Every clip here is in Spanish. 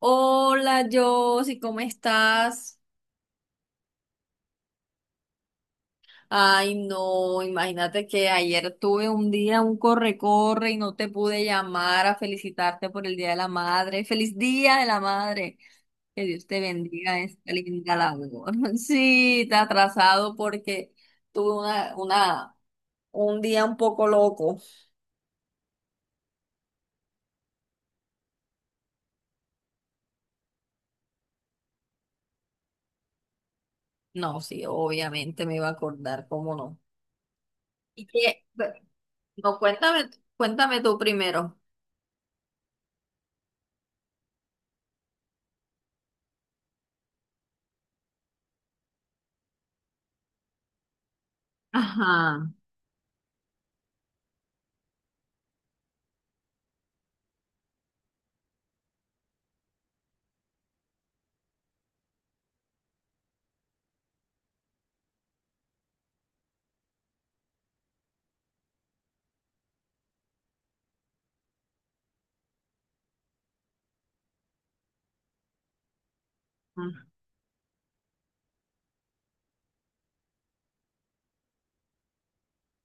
Hola, Josie, ¿cómo estás? Ay, no, imagínate que ayer tuve un día, un corre-corre y no te pude llamar a felicitarte por el Día de la Madre. ¡Feliz Día de la Madre! Que Dios te bendiga en esta linda labor. Sí, te he atrasado porque tuve un día un poco loco. No, sí, obviamente me iba a acordar, ¿cómo no? ¿Y qué? No, cuéntame, cuéntame tú primero. Ajá.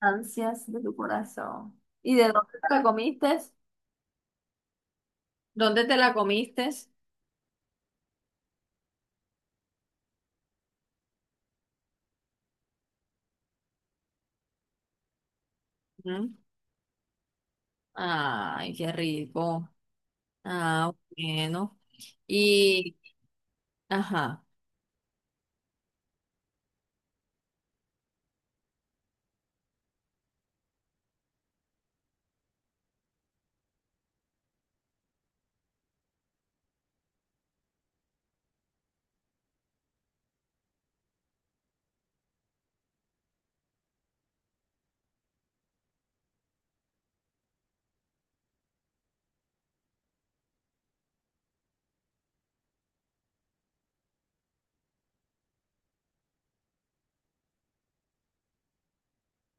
Ansias de tu corazón. ¿Y de dónde te la comiste? ¿Dónde te la comiste? Ujú. Ay, qué rico. Ah, bueno. Y, ajá,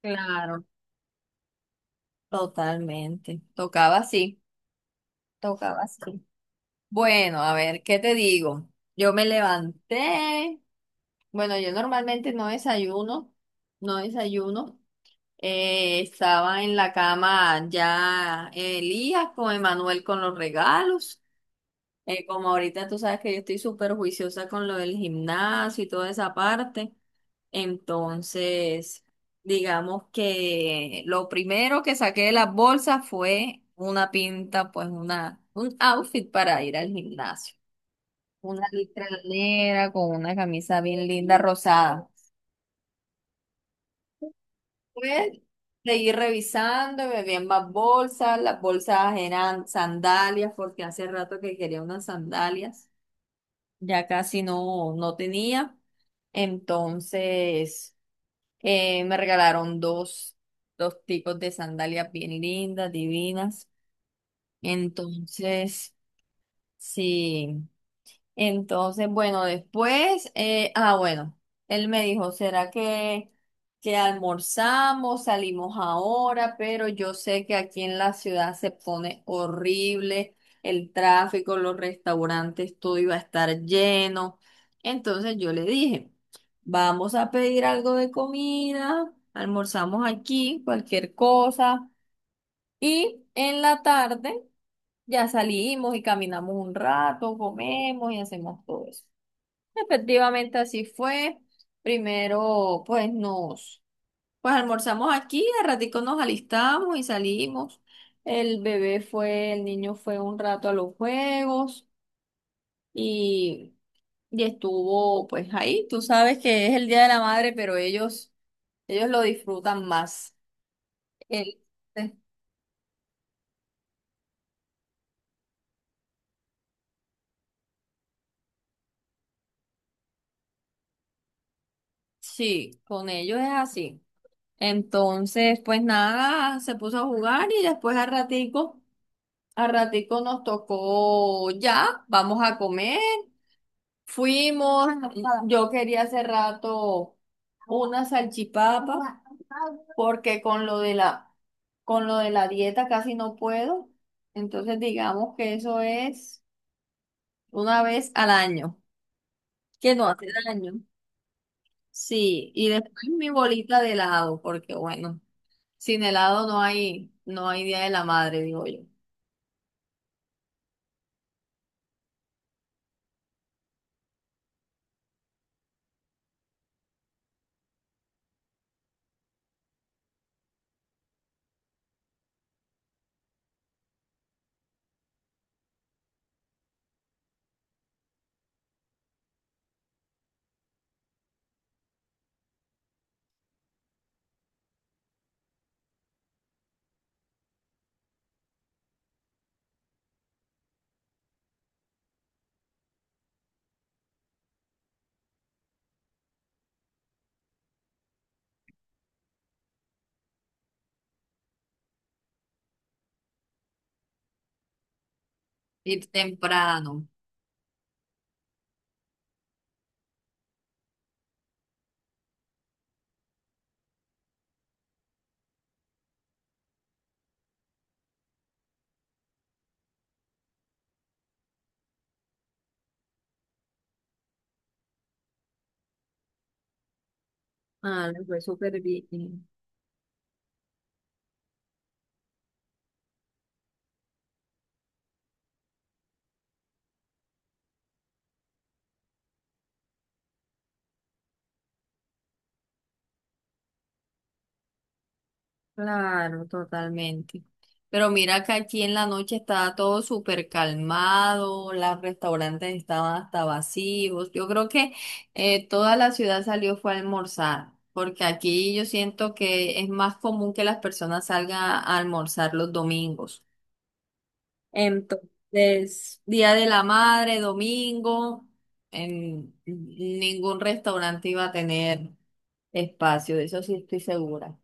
claro, totalmente. Tocaba así, tocaba así. Bueno, a ver, ¿qué te digo? Yo me levanté. Bueno, yo normalmente no desayuno, no desayuno. Estaba en la cama ya Elías con Emanuel con los regalos. Como ahorita tú sabes que yo estoy súper juiciosa con lo del gimnasio y toda esa parte, entonces digamos que lo primero que saqué de las bolsas fue una pinta, pues un outfit para ir al gimnasio. Una listra negra con una camisa bien linda rosada. Pues seguí revisando, me vi en más bolsas, las bolsas eran sandalias porque hace rato que quería unas sandalias. Ya casi no, no tenía. Entonces, me regalaron dos tipos de sandalias bien lindas, divinas. Entonces, sí. Entonces, bueno, después, bueno, él me dijo, ¿será que almorzamos, salimos ahora? Pero yo sé que aquí en la ciudad se pone horrible el tráfico, los restaurantes, todo iba a estar lleno. Entonces yo le dije, vamos a pedir algo de comida, almorzamos aquí, cualquier cosa. Y en la tarde ya salimos y caminamos un rato, comemos y hacemos todo eso. Efectivamente, así fue. Primero, pues nos, pues almorzamos aquí, al ratico nos alistamos y salimos. El bebé fue, el niño fue un rato a los juegos y, y estuvo pues ahí. Tú sabes que es el Día de la Madre, pero ellos lo disfrutan más. El- eh, sí, con ellos es así. Entonces, pues nada, se puso a jugar y después al ratico. A ratico nos tocó ya, vamos a comer. Fuimos, yo quería hace rato una salchipapa porque con lo de la dieta casi no puedo. Entonces digamos que eso es una vez al año, que no hace daño. Sí, y después mi bolita de helado, porque bueno, sin helado no hay Día de la Madre, digo yo. Ir temprano. Ah, les fue súper bien. Claro, totalmente. Pero mira que aquí en la noche estaba todo súper calmado, los restaurantes estaban hasta vacíos. Yo creo que toda la ciudad salió fue a almorzar, porque aquí yo siento que es más común que las personas salgan a almorzar los domingos. Entonces, Día de la Madre, domingo, en ningún restaurante iba a tener espacio, de eso sí estoy segura.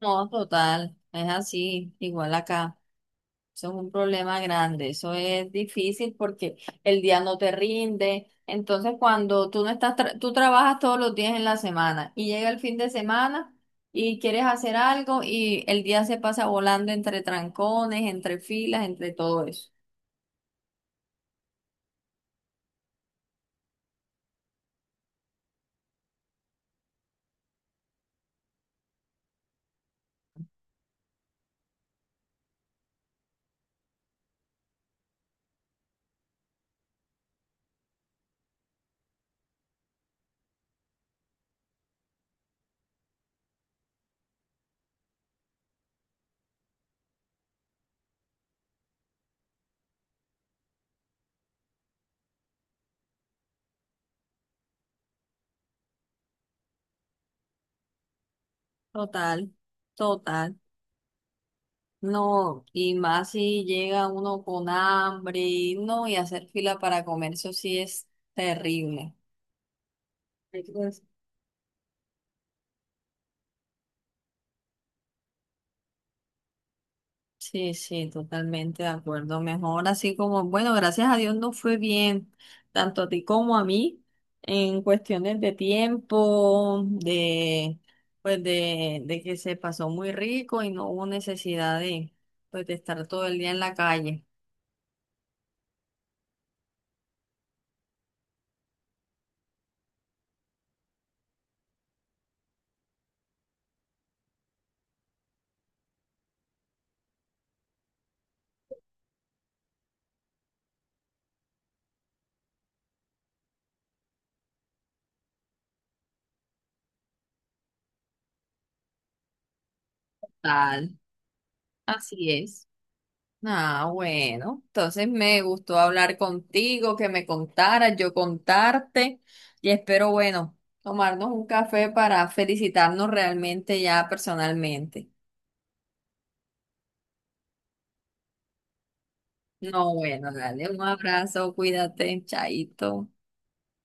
No, total, es así, igual acá. Eso es un problema grande, eso es difícil porque el día no te rinde. Entonces, cuando tú no estás, tra- tú trabajas todos los días en la semana y llega el fin de semana y quieres hacer algo y el día se pasa volando entre trancones, entre filas, entre todo eso. Total, total. No, y más si llega uno con hambre, no, y hacer fila para comer, eso sí es terrible. Sí, sí, totalmente de acuerdo. Mejor así como, bueno, gracias a Dios no fue bien, tanto a ti como a mí, en cuestiones de tiempo, pues de que se pasó muy rico y no hubo necesidad de, pues de estar todo el día en la calle. Tal, así es. Ah, bueno, entonces me gustó hablar contigo, que me contaras, yo contarte y espero, bueno, tomarnos un café para felicitarnos realmente ya personalmente. No, bueno, dale un abrazo, cuídate, chaito.